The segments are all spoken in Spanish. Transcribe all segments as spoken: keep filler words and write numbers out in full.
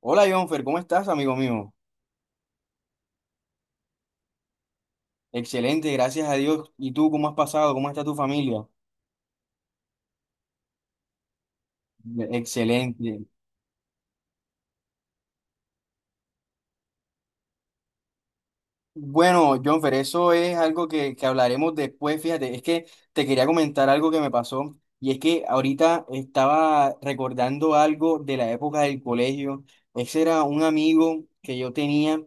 Hola, Jonfer, ¿cómo estás, amigo mío? Excelente, gracias a Dios. ¿Y tú cómo has pasado? ¿Cómo está tu familia? Excelente. Bueno, Jonfer, eso es algo que, que hablaremos después. Fíjate, es que te quería comentar algo que me pasó y es que ahorita estaba recordando algo de la época del colegio. Ese era un amigo que yo tenía eh,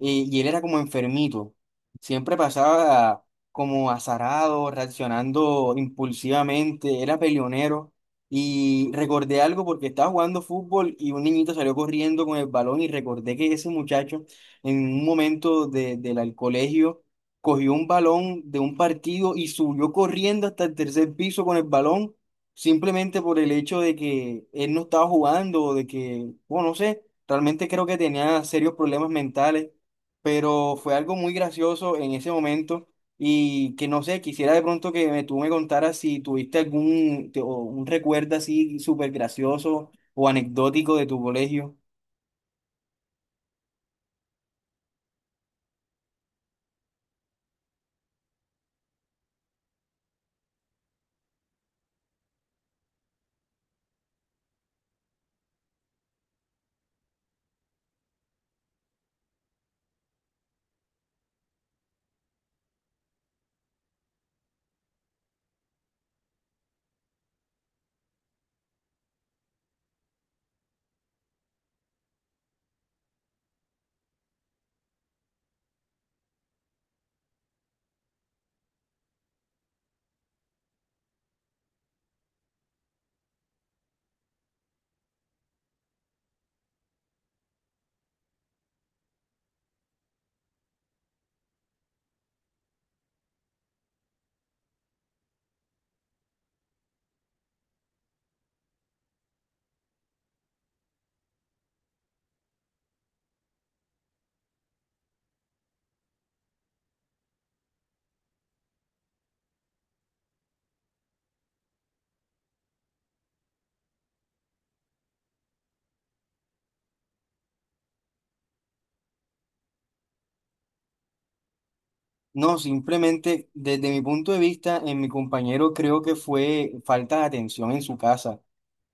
y él era como enfermito. Siempre pasaba como azarado, reaccionando impulsivamente, era peleonero. Y recordé algo porque estaba jugando fútbol y un niñito salió corriendo con el balón y recordé que ese muchacho en un momento de- de la- del al colegio, cogió un balón de un partido y subió corriendo hasta el tercer piso con el balón, simplemente por el hecho de que él no estaba jugando o de que, bueno, no sé, realmente creo que tenía serios problemas mentales, pero fue algo muy gracioso en ese momento. Y que no sé, quisiera de pronto que me, tú me contaras si tuviste algún te- o un recuerdo así súper gracioso o anecdótico de tu colegio. No, simplemente desde mi punto de vista, en mi compañero creo que fue falta de atención en su casa,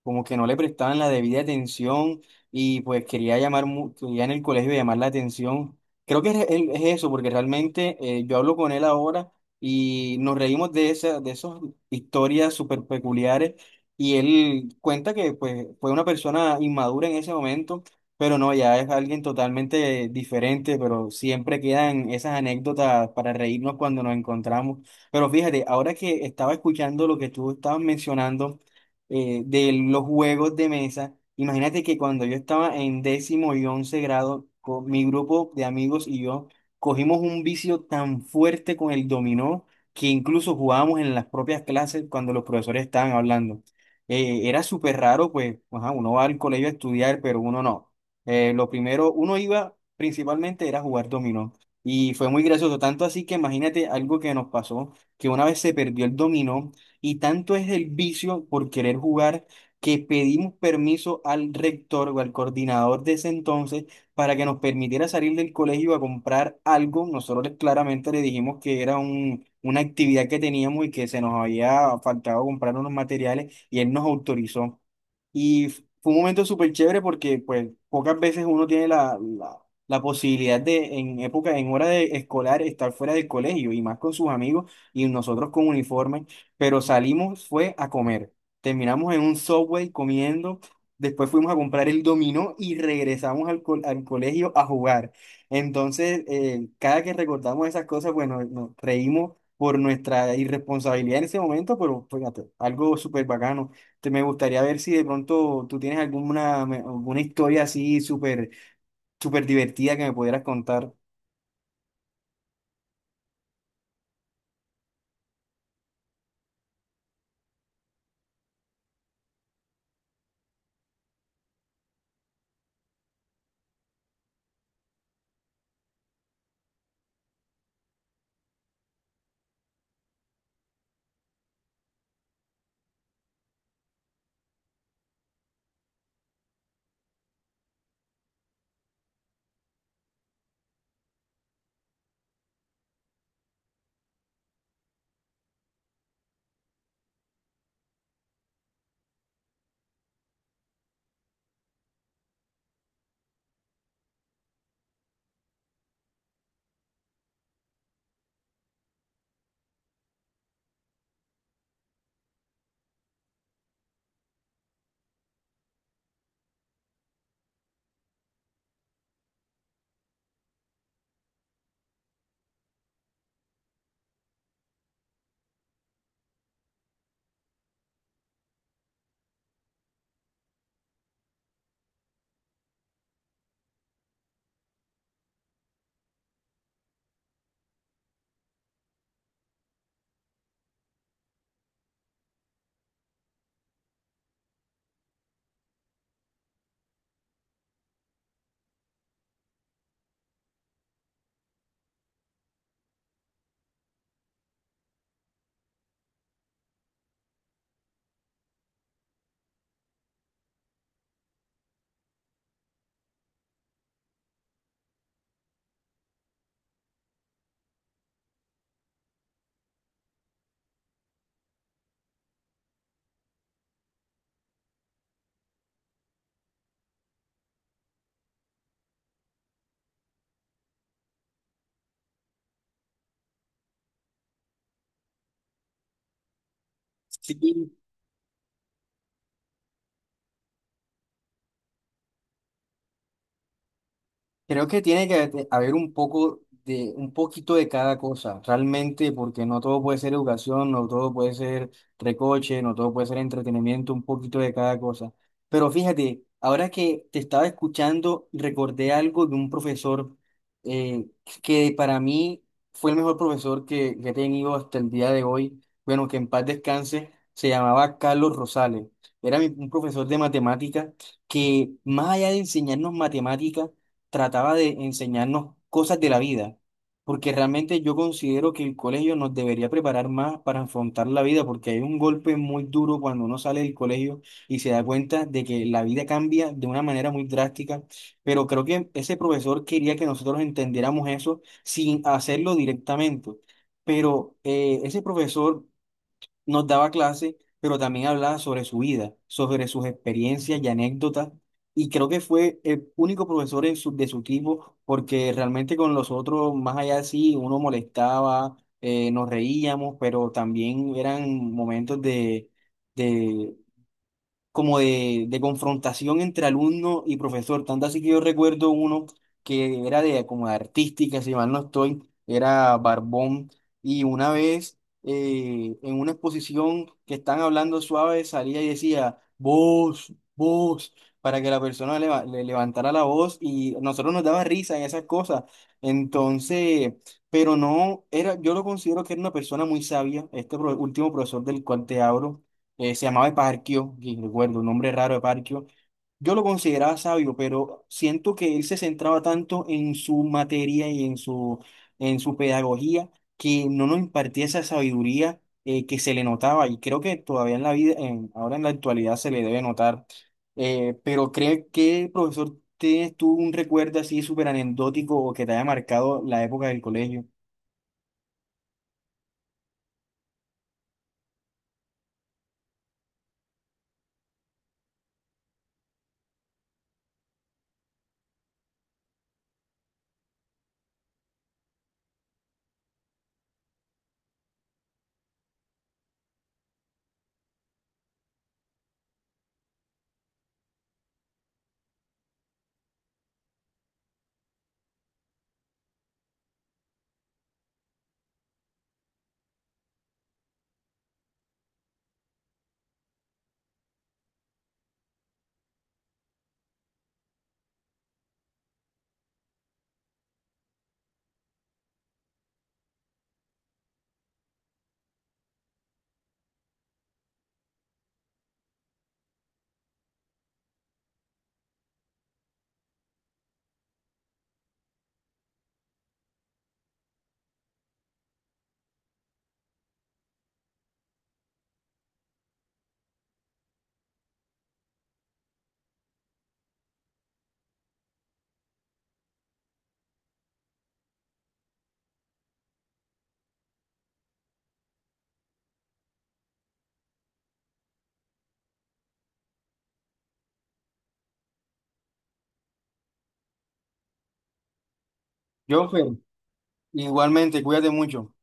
como que no le prestaban la debida atención y pues quería llamar, mu- quería en el colegio llamar la atención. Creo que es, es- es eso, porque realmente eh, yo hablo con él ahora y nos reímos de esa, de esas historias súper peculiares y él cuenta que pues fue una persona inmadura en ese momento, pero no, ya es alguien totalmente diferente, pero siempre quedan esas anécdotas para reírnos cuando nos encontramos. Pero fíjate, ahora que estaba escuchando lo que tú estabas mencionando, eh, de los juegos de mesa. Imagínate que cuando yo estaba en décimo y once grado, con mi grupo de amigos y yo cogimos un vicio tan fuerte con el dominó que incluso jugábamos en las propias clases cuando los profesores estaban hablando. Eh, era súper raro, pues, ajá, uno va al colegio a estudiar, pero uno no. Eh, lo primero, uno iba principalmente era jugar dominó. Y fue muy gracioso, tanto así que imagínate algo que nos pasó, que una vez se perdió el dominó y tanto es el vicio por querer jugar que pedimos permiso al rector o al coordinador de ese entonces para que nos permitiera salir del colegio a comprar algo. Nosotros le- claramente le dijimos que era un, una actividad que teníamos y que se nos había faltado comprar unos materiales y él nos autorizó. Y f- fue un momento súper chévere porque pues pocas veces uno tiene la, la, la posibilidad de en época, en hora de escolar, estar fuera del colegio y más con sus amigos y nosotros con uniforme, pero salimos fue a comer. Terminamos en un Subway comiendo, después fuimos a comprar el dominó y regresamos al, co- al colegio a jugar. Entonces, eh, cada que recordamos esas cosas, bueno, nos reímos por nuestra irresponsabilidad en ese momento, pero fíjate, algo súper bacano. Te, me gustaría ver si de pronto tú tienes alguna, alguna historia así súper, súper divertida que me pudieras contar. Sí, creo que tiene que te- haber un poco de, un poquito de cada cosa, realmente, porque no todo puede ser educación, no todo puede ser recoche, no todo puede ser entretenimiento, un poquito de cada cosa. Pero fíjate, ahora que te estaba escuchando, recordé algo de un profesor eh, que para mí fue el mejor profesor que, que he tenido hasta el día de hoy. Bueno, que en paz descanse, se llamaba Carlos Rosales. Era mi- un profesor de matemática que, más allá de enseñarnos matemática, trataba de enseñarnos cosas de la vida, porque realmente yo considero que el colegio nos debería preparar más para afrontar la vida, porque hay un golpe muy duro cuando uno sale del colegio y se da cuenta de que la vida cambia de una manera muy drástica, pero creo que ese profesor quería que nosotros entendiéramos eso sin hacerlo directamente. Pero eh, ese profesor nos daba clase, pero también hablaba sobre su vida, sobre sus experiencias y anécdotas. Y creo que fue el único profesor en su- de su tipo, porque realmente con los otros, más allá sí, uno molestaba, eh, nos reíamos, pero también eran momentos de, como de, de confrontación entre alumno y profesor. Tanto así que yo recuerdo uno que era de como de artística, si mal no estoy, era Barbón. Y una vez eh, en una exposición que están hablando suave, salía y decía, vos, vos, para que la persona leva- le levantara la voz y nosotros nos daba risa en esas cosas. Entonces, pero no, era, yo lo considero que era una persona muy sabia, este pro- último profesor del cual te hablo eh, se llamaba Eparquio, y recuerdo, un nombre raro Eparquio. Yo lo consideraba sabio, pero siento que él se centraba tanto en su materia y en su, en su pedagogía, que no nos impartía esa sabiduría eh, que se le notaba y creo que todavía en la vida, en- ahora en la actualidad se le debe notar. Eh, pero cree que, profesor, ¿tienes tú un recuerdo así súper anecdótico o que te haya marcado la época del colegio? Jonfer, igualmente, cuídate mucho.